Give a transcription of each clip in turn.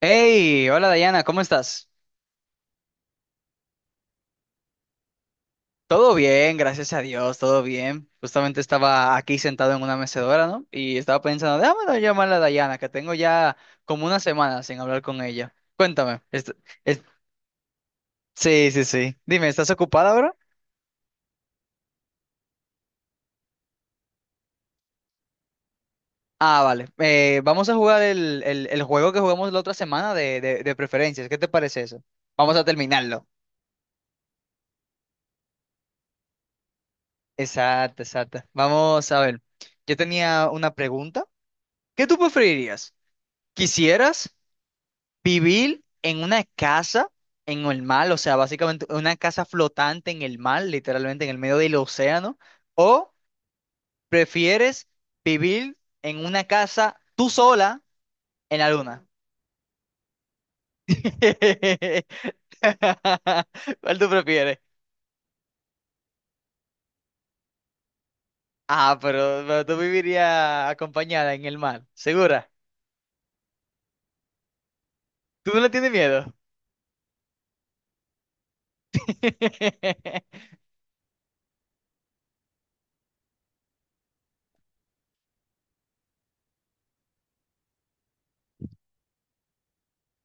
Hey, hola Dayana, ¿cómo estás? Todo bien, gracias a Dios, todo bien. Justamente estaba aquí sentado en una mecedora, ¿no? Y estaba pensando, déjame llamar a Dayana, que tengo ya como una semana sin hablar con ella. Cuéntame. Est- sí, sí, sí. Dime, ¿estás ocupada ahora? Ah, vale. Vamos a jugar el juego que jugamos la otra semana de preferencias. ¿Qué te parece eso? Vamos a terminarlo. Exacto, exacto. Vamos a ver. Yo tenía una pregunta. ¿Qué tú preferirías? ¿Quisieras? Vivir en una casa en el mar, o sea, básicamente una casa flotante en el mar, literalmente en el medio del océano, o prefieres vivir en una casa tú sola en la luna. ¿Cuál tú prefieres? Ah, pero tú vivirías acompañada en el mar, ¿segura? ¿Tú no le tienes miedo?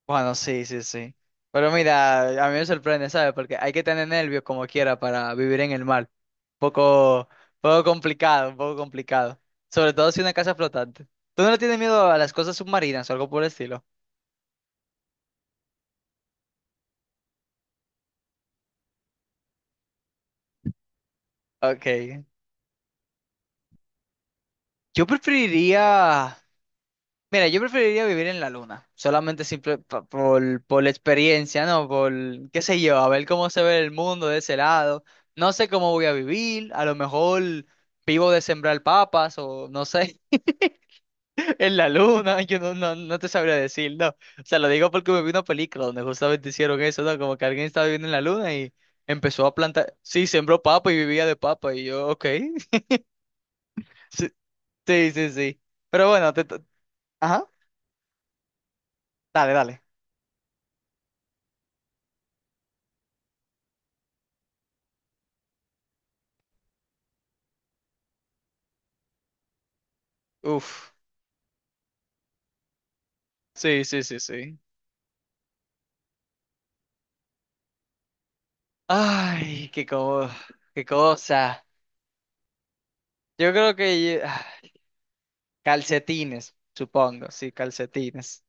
Bueno, sí, sí, sí. Pero mira, a mí me sorprende, ¿sabes? Porque hay que tener nervios como quiera para vivir en el mar. Poco, un poco complicado. Sobre todo si una casa flotante. ¿Tú no le tienes miedo a las cosas submarinas o algo por el estilo? Ok. Yo preferiría. Mira, yo preferiría vivir en la luna. Solamente simple por la experiencia, ¿no? Por, qué sé yo, a ver cómo se ve el mundo de ese lado. No sé cómo voy a vivir. A lo mejor vivo de sembrar papas o no sé. En la luna, yo no te sabría decir, no. O sea, lo digo porque me vi una película donde justamente hicieron eso, ¿no? Como que alguien estaba viviendo en la luna y empezó a plantar. Sí, sembró papa y vivía de papa. Y yo, ok. Sí, sí, sí, sí. Pero bueno, ajá. Dale, dale. Uf. Sí, sí, sí, sí. Ay, qué cosa. Yo creo que... ah, calcetines, supongo. Sí, calcetines.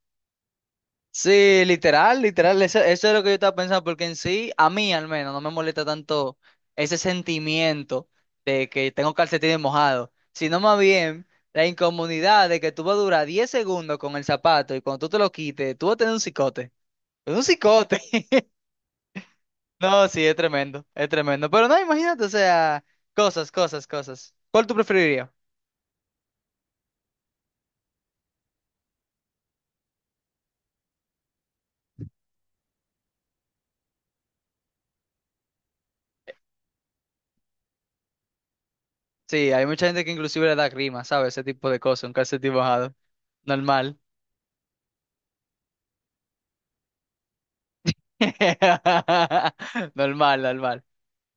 Sí, literal, literal, eso es lo que yo estaba pensando, porque en sí, a mí al menos, no me molesta tanto ese sentimiento de que tengo calcetines mojados, sino más bien la incomodidad de que tú vas a durar 10 segundos con el zapato y cuando tú te lo quites, tú vas a tener un cicote. Un cicote. No, sí, es tremendo, es tremendo. Pero no, imagínate, o sea, cosas, cosas, cosas. ¿Cuál tú preferirías? Sí, hay mucha gente que inclusive le da grima, ¿sabes? Ese tipo de cosas, un calcetín mojado. Normal. Normal, normal.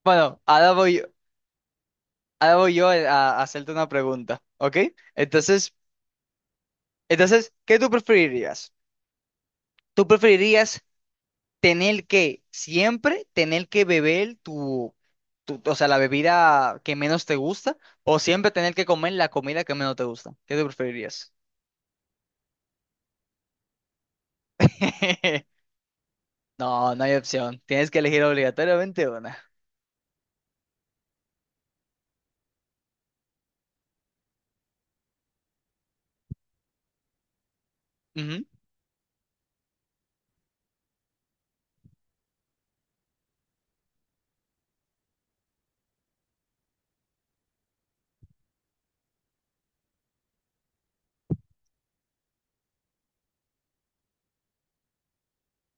Bueno, ahora voy yo, a, hacerte una pregunta, ¿ok? Entonces, entonces, ¿qué tú preferirías? ¿Tú preferirías tener que siempre tener que beber o sea, la bebida que menos te gusta o siempre tener que comer la comida que menos te gusta? ¿Qué tú preferirías? No, no hay opción. Tienes que elegir obligatoriamente una. Ujú.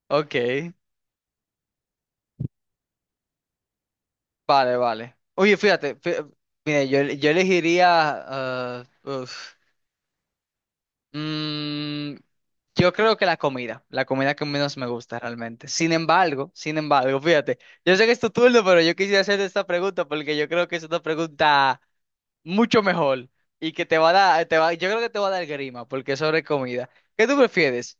Ok. Vale, vale. Oye, fíjate, mira, yo elegiría... ah, uf, mm, yo creo que la comida que menos me gusta realmente. Sin embargo, fíjate, yo sé que es tu turno, pero yo quisiera hacerte esta pregunta porque yo creo que es una pregunta mucho mejor y que te va a dar, te va, yo creo que te va a dar grima porque es sobre comida. ¿Qué tú prefieres?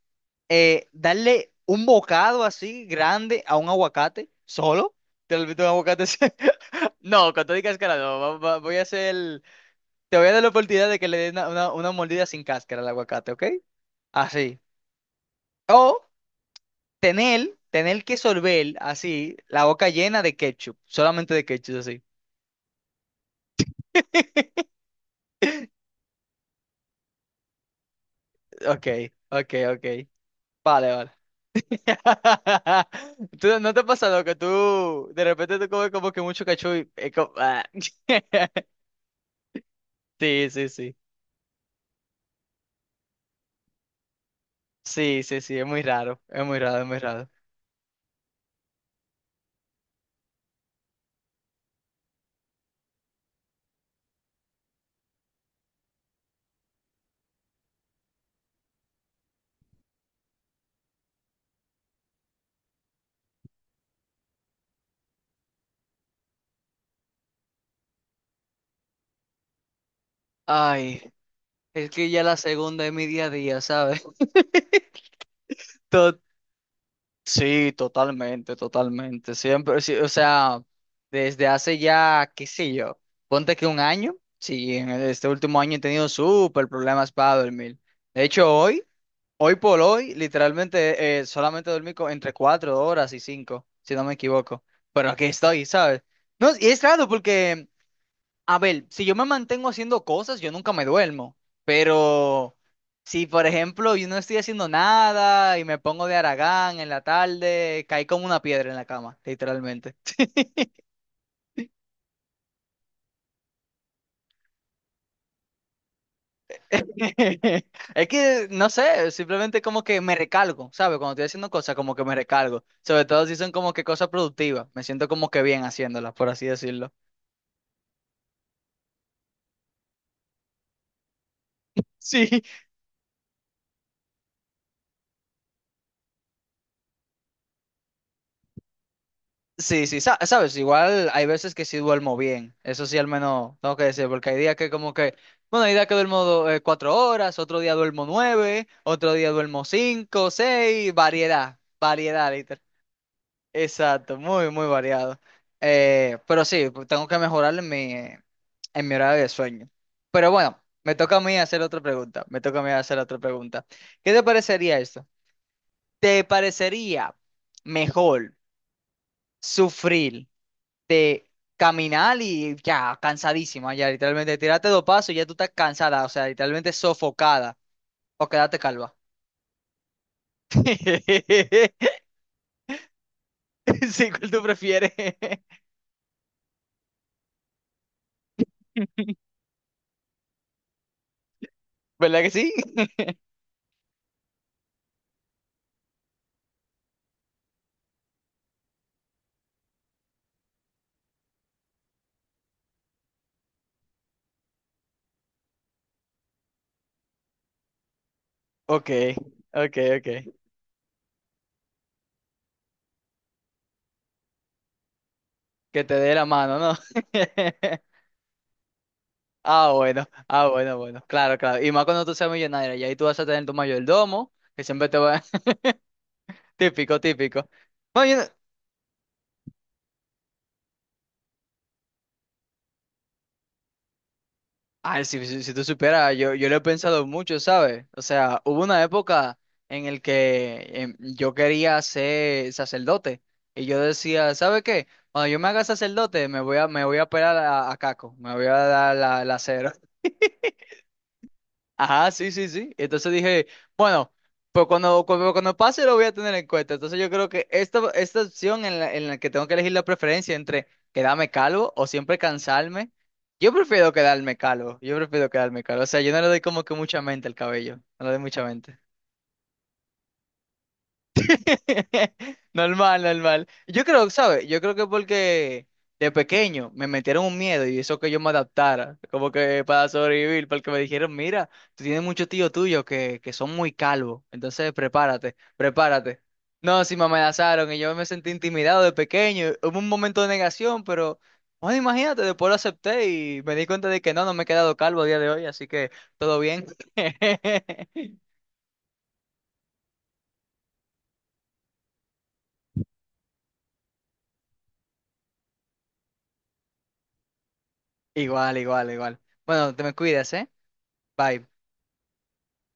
¿Darle un bocado así grande a un aguacate solo? ¿Te lo invito un aguacate? ¿Así? No, cuando digas cáscara no, voy a hacer, te voy a dar la oportunidad de que le des una mordida sin cáscara al aguacate, ¿ok? Así. O tener que sorber así la boca llena de ketchup, solamente de ketchup así. Ok, ok, ok. Vale, vale. Tú, ¿no te pasa lo que tú de repente tú comes como que mucho cachú y es como? Sí, sí, sí. Sí, sí, sí, es muy raro. Es muy raro, es muy raro. Ay, es que ya la segunda es mi día a día, ¿sabes? To- sí, totalmente, totalmente. Siempre, sí, o sea, desde hace ya, qué sé yo, ponte que un año. Sí, en este último año he tenido súper problemas para dormir. De hecho, hoy. Hoy por hoy, literalmente, solamente dormí entre 4 horas y 5, si no me equivoco. Pero aquí estoy, ¿sabes? No, y es raro porque, a ver, si yo me mantengo haciendo cosas, yo nunca me duermo. Pero si, por ejemplo, yo no estoy haciendo nada y me pongo de haragán en la tarde, caí como una piedra en la cama, literalmente. Es que, no sé, simplemente como que me recargo, ¿sabes? Cuando estoy haciendo cosas, como que me recargo. Sobre todo si son como que cosas productivas. Me siento como que bien haciéndolas, por así decirlo. Sí, sí, sí, sabes, igual hay veces que sí duermo bien. Eso sí, al menos tengo que decir, porque hay días que como que, bueno, hay días que duermo 4 horas, otro día duermo 9, otro día duermo 5, 6, variedad, variedad. Exacto, muy, muy variado. Pero sí, pues, tengo que mejorar en mi horario de sueño. Pero bueno, me toca a mí hacer otra pregunta. Me toca a mí hacer otra pregunta. ¿Qué te parecería esto? ¿Te parecería mejor sufrir de caminar y ya cansadísima, ya literalmente tirarte dos pasos y ya tú estás cansada, o sea, literalmente sofocada o quedarte calva? Sí, ¿cuál tú prefieres? ¿Verdad que sí? Ok, ok, ok. Que te dé la mano, ¿no? Ah, bueno, ah, bueno, bueno. Claro, claro. Y más cuando tú seas millonario, y ahí tú vas a tener tu mayordomo, que siempre te va. Típico, típico. Bueno, yo no- ay, si tú supieras, yo lo he pensado mucho, ¿sabes? O sea, hubo una época en el que yo quería ser sacerdote. Y yo decía, ¿sabe qué? Cuando yo me haga sacerdote, me voy a operar a Caco, me voy a dar la cero. Ajá, sí, sí, sí. Entonces dije, bueno, pues cuando pase lo voy a tener en cuenta. Entonces yo creo que esta opción en la que tengo que elegir la preferencia entre quedarme calvo o siempre cansarme, yo prefiero quedarme calvo. Yo prefiero quedarme calvo. O sea, yo no le doy como que mucha mente al cabello. No le doy mucha mente. Normal, normal. Yo creo, ¿sabes? Yo creo que porque de pequeño me metieron un miedo y eso que yo me adaptara, como que para sobrevivir, porque me dijeron, mira, tú tienes muchos tíos tuyos que son muy calvos, entonces prepárate, prepárate. No, sí me amenazaron y yo me sentí intimidado de pequeño. Hubo un momento de negación, pero, bueno, imagínate, después lo acepté y me di cuenta de que no me he quedado calvo a día de hoy, así que todo bien. Igual, igual, igual. Bueno, te me cuidas, ¿eh? Bye.